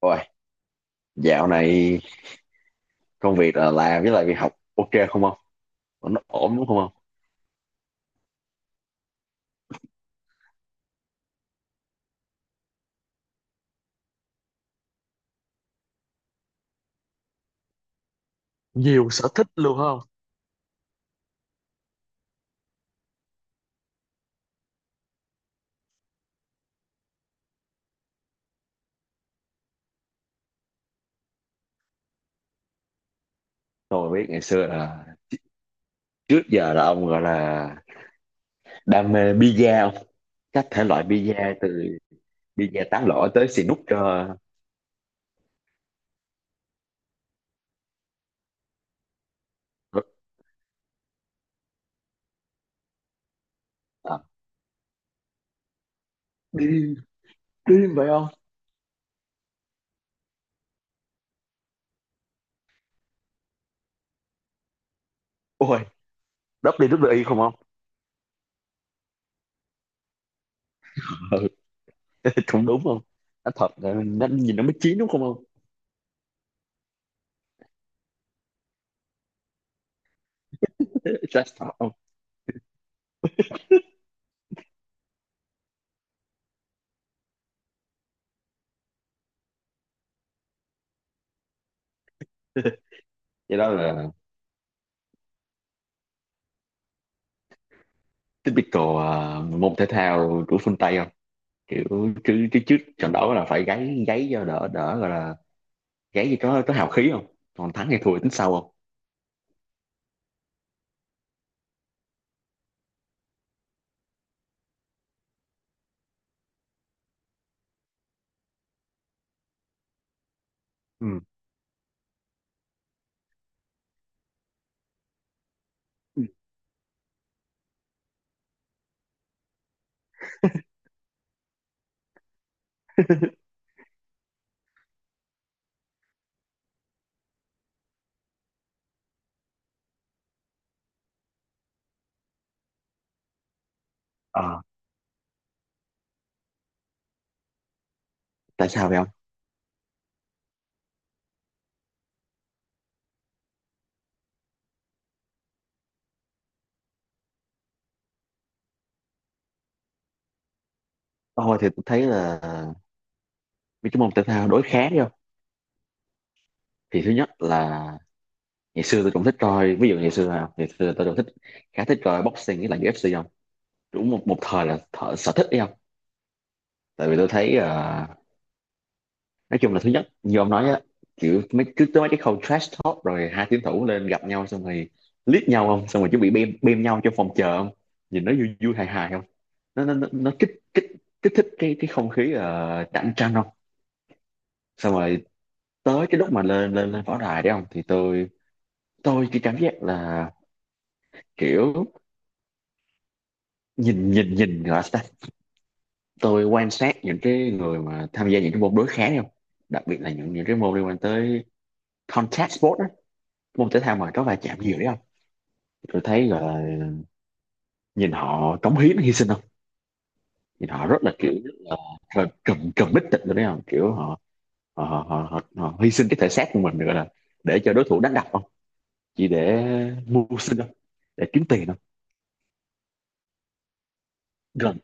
Ôi, dạo này công việc là làm với lại việc học ok không ông? Nó ổn đúng không ông? Nhiều sở thích luôn không? Tôi biết ngày xưa là trước giờ là ông gọi là đam mê pizza ông. Các thể loại pizza từ pizza tán lõi tới xì nút cho à, điên điên vậy không? Ôi, đắp đi không ông? Ừ, cũng đúng không? Nó thật là nó nhìn nó mới chín đúng không ông? Chắc thật không? Vậy đó là typical môn thể thao của phương Tây không? Kiểu chứ, cái trước trận đấu là phải gáy gáy cho đỡ đỡ gọi là gáy gì có hào khí không, còn thắng thì thua tính sau không? Ừ. Ờ, tại sao vậy không? Tôi thì tôi thấy là mấy cái môn thể thao đối kháng không? Thì thứ nhất là ngày xưa tôi cũng thích coi, ví dụ ngày xưa không? Ngày xưa tôi cũng thích, khá thích coi boxing với lại UFC không? Đúng một, một thời là thợ, sở thích đi không? Tại vì tôi thấy nói chung là thứ nhất như ông nói á, kiểu mấy cứ tới mấy cái khâu trash talk rồi hai tuyển thủ lên gặp nhau xong rồi liếc nhau không, xong rồi chuẩn bị bem bem nhau trong phòng chờ không, nhìn nó vui vui hài hài không, nó kích kích kích thích cái không khí cạnh tranh không. Xong rồi tới cái lúc mà lên lên lên võ đài đấy không thì tôi chỉ cảm giác là kiểu nhìn nhìn nhìn gọi là sao ta? Tôi quan sát những cái người mà tham gia những cái môn đối kháng đấy không, đặc biệt là những cái môn liên quan tới contact sport á, môn thể thao mà có va chạm nhiều đấy không, tôi thấy gọi là nhìn họ cống hiến hy sinh không, nhìn họ rất là kiểu rất là cầm cầm bích tịch rồi đấy không, kiểu họ họ, hy sinh cái thể xác của mình gọi là để cho đối thủ đánh đập không, chỉ để mưu sinh không, để kiếm tiền không. Gần,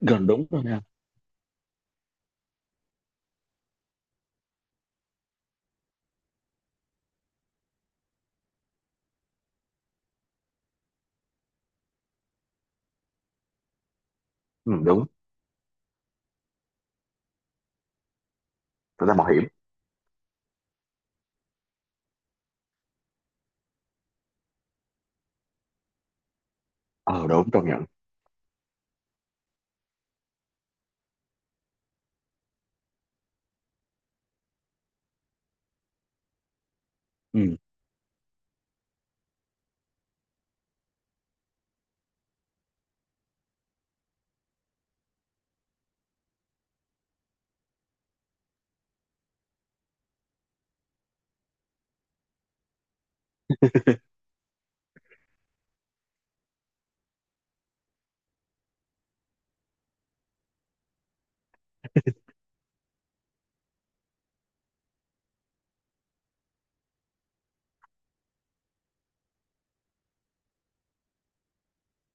gần đúng rồi nha. Ừ, đúng. Tôi ta mạo hiểm. Ờ đúng công nhận. Ừ,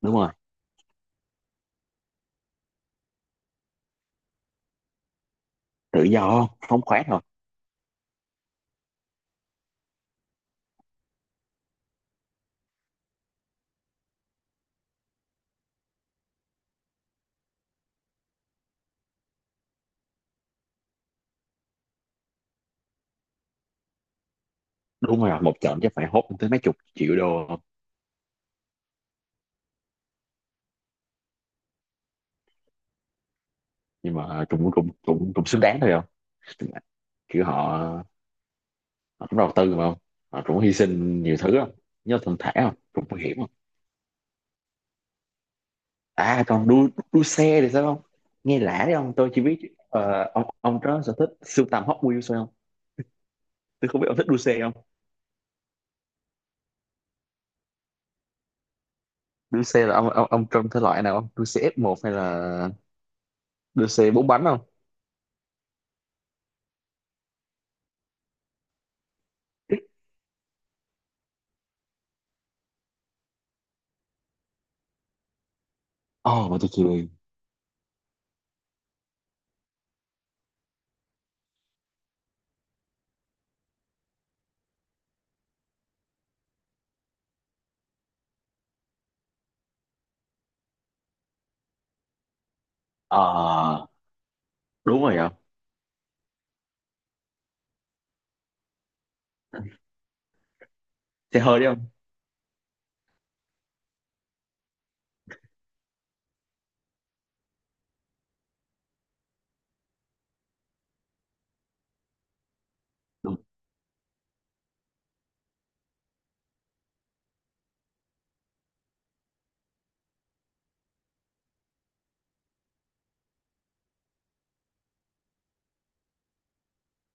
đúng rồi. Tự do không, phóng khoáng thôi. Đúng rồi, một trận chắc phải hốt tới mấy chục triệu đô không. Nhưng mà cũng cũng xứng đáng thôi không, kiểu họ, họ cũng đầu tư mà không, họ cũng hy sinh nhiều thứ không, nhớ thong thả không cũng nguy hiểm không. À, còn đua đua xe thì sao không? Nghe lạ đấy ông, tôi chỉ biết ông có sở thích sưu tầm Hot Wheels thôi không, tôi không biết ông thích đua xe không. Đua xe là ông ông trong thể loại nào không, đua xe f một hay là đua xe bốn bánh không? Ồ, mà tôi chưa đi. Ờ, đúng rồi không? Xe hơi đấy không? Đúng.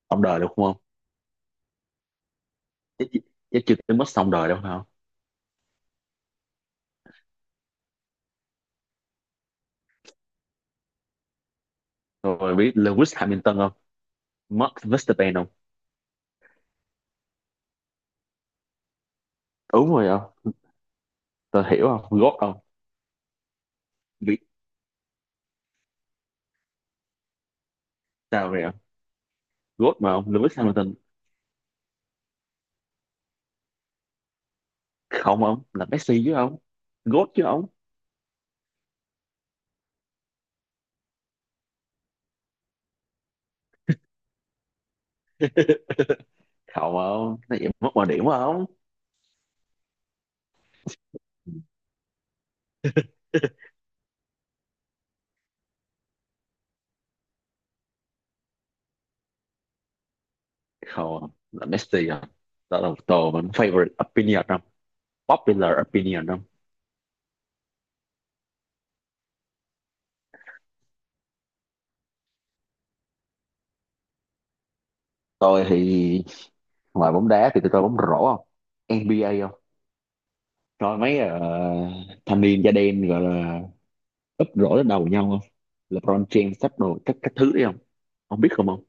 Ông đời được không không? Chắc, chắc chưa tới mất xong đời đâu phải không? Rồi biết Lewis Hamilton không? Max Verstappen không? Đúng rồi không? Tôi hiểu không? Gót không? Sao vậy ông? GOAT mà ông, Lewis Hamilton. Không ông, là Messi chứ ông. GOAT chứ ông. Không ông, nó vậy mất mọi điểm quá ông. Không ông, là Messi đó là một tôi mình favorite opinion ông. Popular opinion ông. Tôi thì ngoài bóng đá thì tôi coi bóng rổ không? NBA không? Coi mấy thanh niên da đen gọi là úp rổ lên đầu nhau không? LeBron James sắp đồ các thứ đấy không? Ông biết không ông?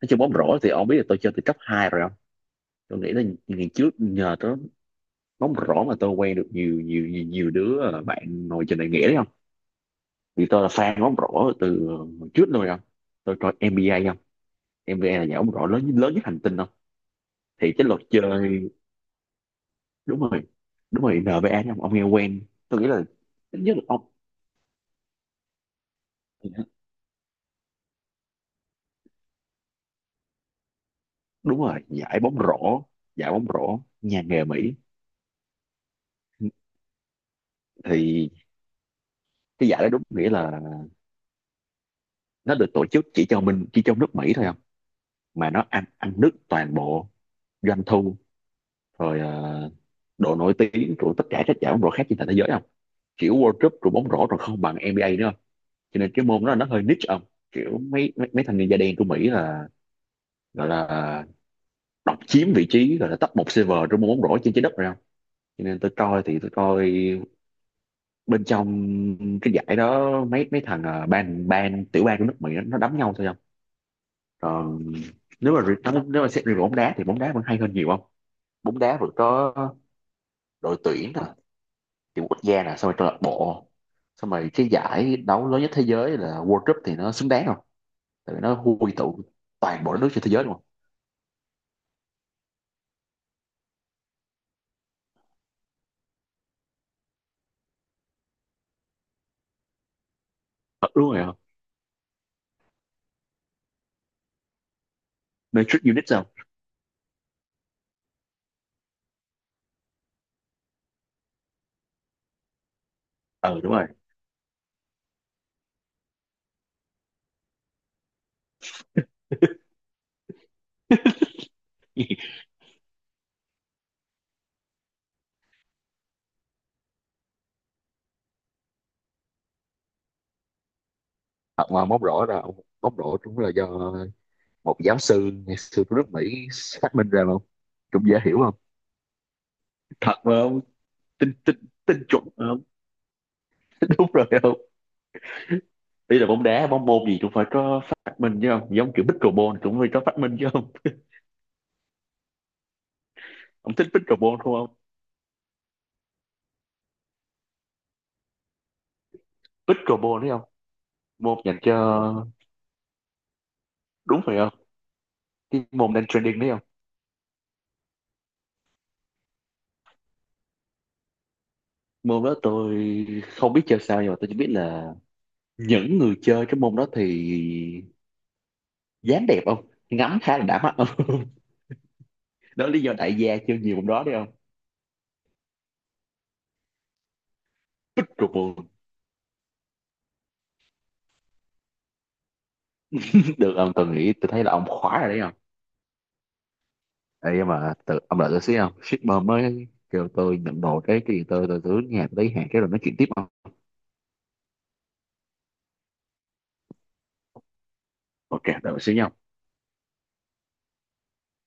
Nói chung bóng rổ thì ông biết là tôi chơi từ cấp 2 rồi không? Tôi nghĩ là ngày trước nhờ đó bóng rổ mà tôi quen được nhiều đứa bạn ngồi trên đại nghĩa đấy không, vì tôi là fan bóng rổ từ hồi trước luôn không, tôi coi NBA không, NBA là nhà bóng rổ lớn lớn nhất hành tinh không. Thì cái luật chơi đúng rồi, đúng rồi NBA không, ông nghe quen. Tôi nghĩ là ít nhất là ông đúng rồi giải bóng rổ, giải bóng rổ nhà nghề Mỹ. Thì cái giải đó đúng nghĩa là nó được tổ chức chỉ cho mình chỉ trong nước Mỹ thôi không, mà nó ăn ăn đứt toàn bộ doanh thu rồi độ nổi tiếng của tất cả các giải bóng rổ khác trên toàn thế giới không, kiểu World Cup rồi bóng rổ còn không bằng NBA nữa không, cho nên cái môn đó nó hơi niche không, kiểu mấy mấy, mấy thanh niên da đen của Mỹ là gọi là độc chiếm vị trí gọi là top một server trong môn bóng rổ trên trái đất rồi không. Cho nên tôi coi thì tôi coi bên trong cái giải đó mấy mấy thằng ban ban tiểu bang của nước Mỹ nó đấm nhau thôi không. Còn nếu mà nếu mà xét riêng về bóng đá thì bóng đá vẫn hay hơn nhiều không, bóng đá vẫn có đội tuyển nè, kiểu quốc gia nè, xong rồi câu lạc bộ, xong rồi cái giải đấu lớn nhất thế giới là World Cup thì nó xứng đáng không, tại vì nó quy tụ toàn bộ các nước trên thế giới đúng không. Ờ, đúng rồi hả? Matrix Unit sao? Ừ đúng rồi. Ờ, mà móc rổ là móc rổ cũng là do một giáo sư ngày xưa của nước Mỹ phát minh ra mà không, cũng dễ hiểu không, thật mà không. Tin tin tin chuẩn mà không. Đúng rồi không, bây giờ bóng đá bóng môn gì cũng phải có phát minh chứ không, giống kiểu pickleball cũng phải có phát minh chứ không. Ông thích pickleball đúng không? Pickleball đấy không, môn dành cho đúng phải không, cái môn đang trending đấy không. Môn đó tôi không biết chơi sao nhưng mà tôi chỉ biết là những người chơi cái môn đó thì dáng đẹp không, ngắm khá là đã mắt không. Đó là lý do đại gia chơi nhiều môn đó đấy không. Bích ruột buồn được ông, tôi nghĩ tôi thấy là ông khóa rồi đấy không. Ê, nhưng mà tự, ông đợi tôi xíu không, shipper mới kêu tôi nhận đồ cái gì, tôi cứ nhà tôi lấy hàng cái rồi nói chuyện tiếp không. Ok đợi tôi xíu nha.